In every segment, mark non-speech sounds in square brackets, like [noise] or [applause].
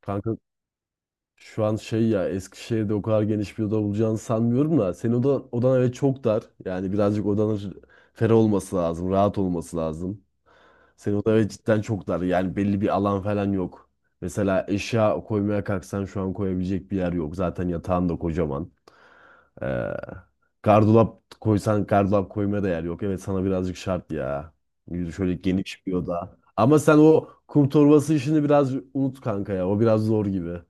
Kanka şu an şey ya, Eskişehir'de o kadar geniş bir oda bulacağını sanmıyorum da senin odan, evet çok dar. Yani birazcık odanın ferah olması lazım, rahat olması lazım. Senin odan evet cidden çok dar. Yani belli bir alan falan yok. Mesela eşya koymaya kalksan şu an koyabilecek bir yer yok. Zaten yatağın da kocaman. Ee, Gardırop koysan gardırop koymaya da yer yok. Evet sana birazcık şart ya. Yürü şöyle geniş bir oda. Ama sen o kum torbası işini biraz unut kanka ya. O biraz zor gibi.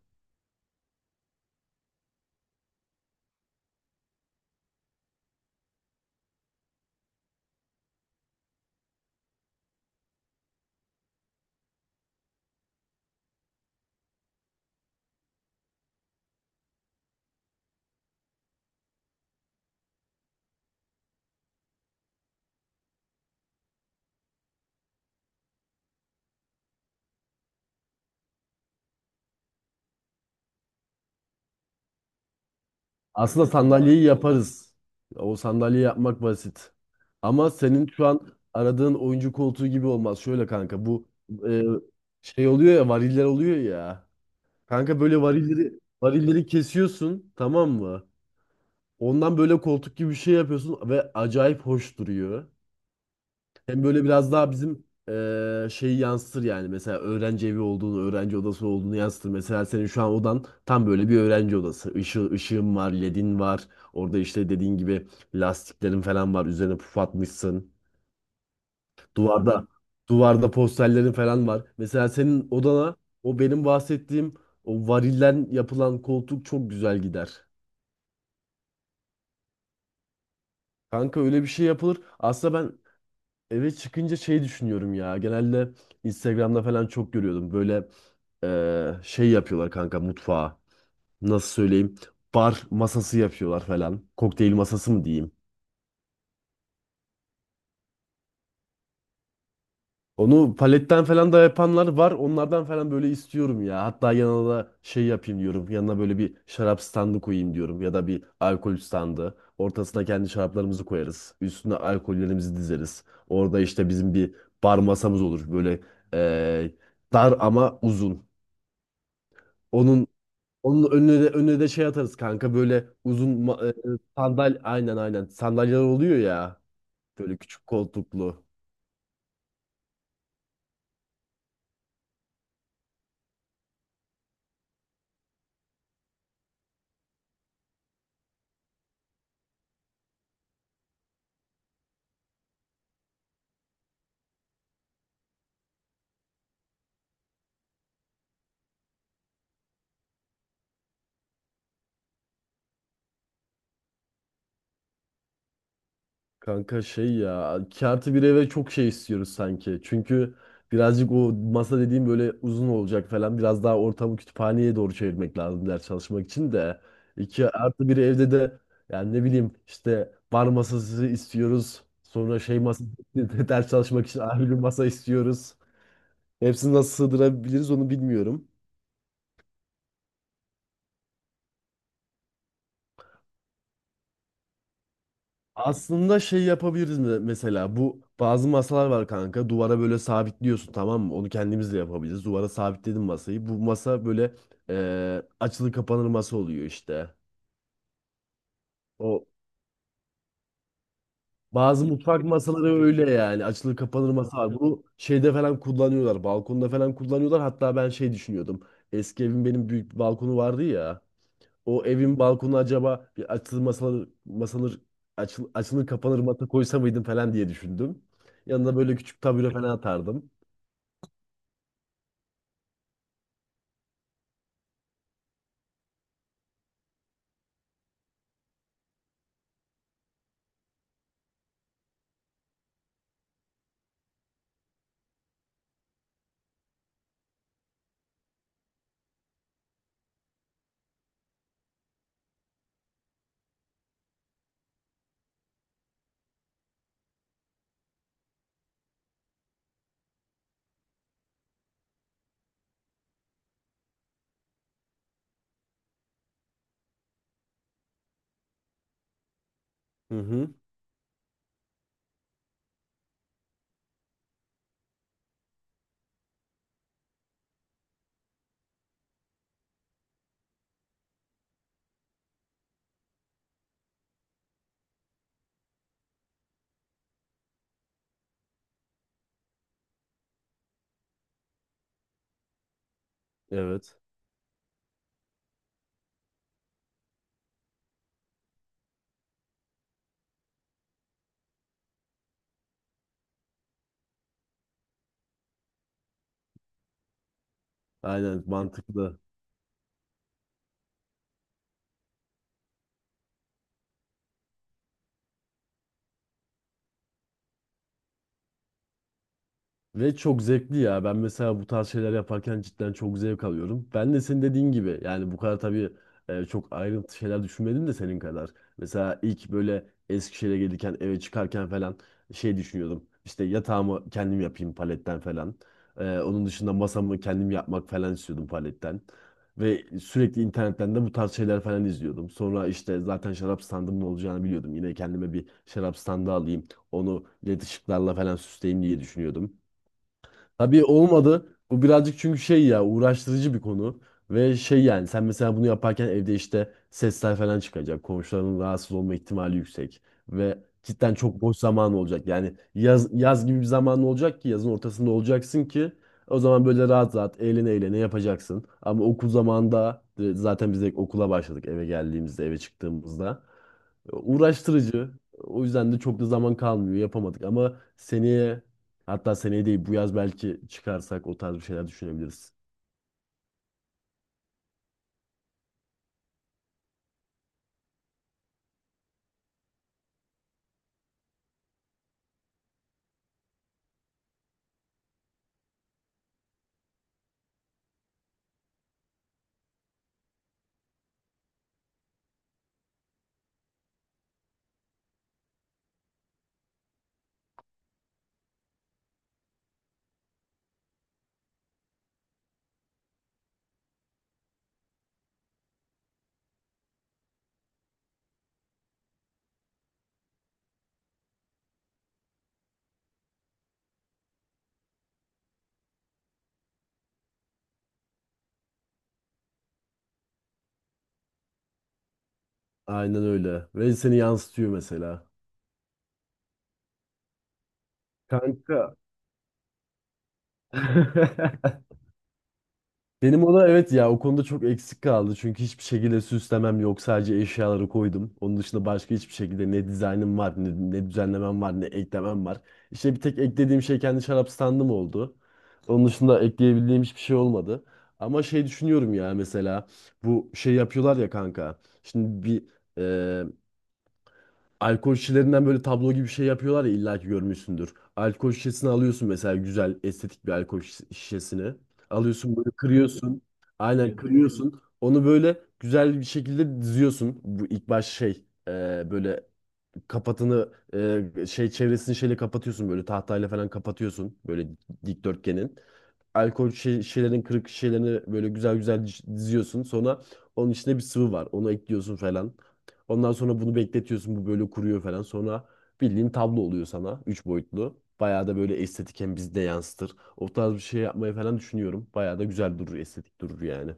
Aslında sandalyeyi yaparız. O sandalye yapmak basit. Ama senin şu an aradığın oyuncu koltuğu gibi olmaz. Şöyle kanka bu e, şey oluyor ya, variller oluyor ya. Kanka böyle varilleri kesiyorsun, tamam mı? Ondan böyle koltuk gibi bir şey yapıyorsun ve acayip hoş duruyor. Hem böyle biraz daha bizim şeyi yansıtır yani. Mesela öğrenci evi olduğunu, öğrenci odası olduğunu yansıtır. Mesela senin şu an odan tam böyle bir öğrenci odası. Işığın var, ledin var. Orada işte dediğin gibi lastiklerin falan var. Üzerine puf atmışsın. Duvarda duvarda posterlerin falan var. Mesela senin odana o benim bahsettiğim o varilden yapılan koltuk çok güzel gider. Kanka öyle bir şey yapılır. Aslında ben eve çıkınca şey düşünüyorum ya. Genelde Instagram'da falan çok görüyordum. Böyle şey yapıyorlar kanka, mutfağa. Nasıl söyleyeyim? Bar masası yapıyorlar falan. Kokteyl masası mı diyeyim? Onu paletten falan da yapanlar var. Onlardan falan böyle istiyorum ya. Hatta yanına da şey yapayım diyorum. Yanına böyle bir şarap standı koyayım diyorum. Ya da bir alkol standı. Ortasına kendi şaraplarımızı koyarız. Üstüne alkollerimizi dizeriz. Orada işte bizim bir bar masamız olur. Böyle eee, dar ama uzun. Onun onun önüne de şey atarız kanka, böyle uzun ma- e, sandal aynen aynen sandalyeler oluyor ya, böyle küçük koltuklu. Kanka şey ya, iki artı bir eve çok şey istiyoruz sanki. Çünkü birazcık o masa dediğim böyle uzun olacak falan, biraz daha ortamı kütüphaneye doğru çevirmek lazım ders çalışmak için de. İki artı bir evde de yani ne bileyim, işte bar masası istiyoruz. Sonra şey masası, [laughs] ders çalışmak için ayrı bir masa istiyoruz. Hepsini nasıl sığdırabiliriz onu bilmiyorum. Aslında şey yapabiliriz, mesela bu bazı masalar var kanka, duvara böyle sabitliyorsun tamam mı, onu kendimiz de yapabiliriz. Duvara sabitledim masayı, bu masa böyle açılır kapanır masa oluyor işte. O bazı mutfak masaları öyle yani, açılır kapanır masa var, bunu şeyde falan kullanıyorlar, balkonda falan kullanıyorlar. Hatta ben şey düşünüyordum, eski evim benim büyük bir balkonu vardı ya. O evin balkonu acaba bir açılır masalar, açılır kapanır masa koysa mıydım falan diye düşündüm. Yanına böyle küçük tabure falan atardım. Hı hı. Evet. Aynen, mantıklı. Ve çok zevkli ya. Ben mesela bu tarz şeyler yaparken cidden çok zevk alıyorum. Ben de senin dediğin gibi yani bu kadar tabii çok ayrıntı şeyler düşünmedim de senin kadar. Mesela ilk böyle Eskişehir'e gelirken, eve çıkarken falan şey düşünüyordum. İşte yatağımı kendim yapayım paletten falan. E, onun dışında masamı kendim yapmak falan istiyordum paletten. Ve sürekli internetten de bu tarz şeyler falan izliyordum. Sonra işte zaten şarap standımın olacağını biliyordum. Yine kendime bir şarap standı alayım, onu led ışıklarla falan süsleyeyim diye düşünüyordum. Tabii olmadı. Bu birazcık çünkü şey ya, uğraştırıcı bir konu. Ve şey yani sen mesela bunu yaparken evde işte sesler falan çıkacak. Komşuların rahatsız olma ihtimali yüksek. Ve cidden çok boş zaman olacak. Yani yaz gibi bir zaman olacak ki, yazın ortasında olacaksın ki o zaman böyle rahat rahat, eğlene eğlene yapacaksın. Ama okul zamanında zaten biz de okula başladık eve geldiğimizde, eve çıktığımızda. Uğraştırıcı. O yüzden de çok da zaman kalmıyor, yapamadık ama seneye, hatta seneye değil bu yaz belki çıkarsak o tarz bir şeyler düşünebiliriz. Aynen öyle. Ve seni yansıtıyor mesela. Kanka. [laughs] Benim o evet ya, o konuda çok eksik kaldı. Çünkü hiçbir şekilde süslemem yok. Sadece eşyaları koydum. Onun dışında başka hiçbir şekilde ne dizaynım var, ne düzenlemem var, ne eklemem var. İşte bir tek eklediğim şey kendi şarap standım oldu. Onun dışında ekleyebildiğim hiçbir şey olmadı. Ama şey düşünüyorum ya, mesela bu şey yapıyorlar ya kanka. Şimdi bir alkol şişelerinden böyle tablo gibi bir şey yapıyorlar ya, illa ki görmüşsündür. Alkol şişesini alıyorsun mesela, güzel estetik bir alkol şişesini. Alıyorsun, böyle kırıyorsun. Aynen, kırıyorsun. Onu böyle güzel bir şekilde diziyorsun. Bu ilk baş şey, e, böyle kapatını şey çevresini şeyle kapatıyorsun, böyle tahtayla falan kapatıyorsun, böyle dikdörtgenin, alkol şişelerin kırık şişelerini böyle güzel güzel diziyorsun. Sonra onun içinde bir sıvı var, onu ekliyorsun falan. Ondan sonra bunu bekletiyorsun, bu böyle kuruyor falan. Sonra bildiğin tablo oluyor sana. Üç boyutlu. Bayağı da böyle estetik, hem bizi de yansıtır. O tarz bir şey yapmayı falan düşünüyorum. Bayağı da güzel durur, estetik durur yani.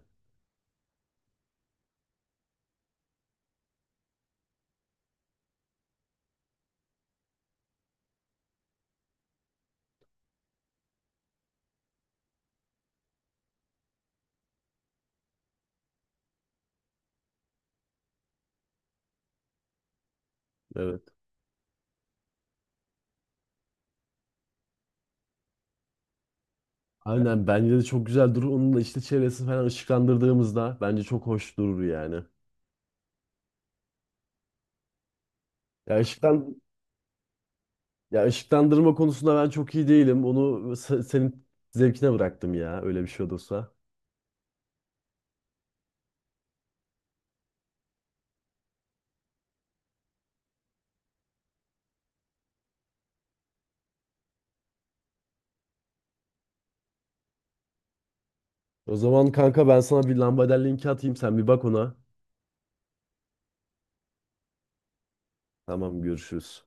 Evet. Aynen, bence de çok güzel durur. Onun da işte çevresini falan ışıklandırdığımızda bence çok hoş durur yani. Ya ışıklan Ya ışıklandırma konusunda ben çok iyi değilim. Onu senin zevkine bıraktım ya. Öyle bir şey olursa. O zaman kanka ben sana bir lambader linki atayım. Sen bir bak ona. Tamam, görüşürüz.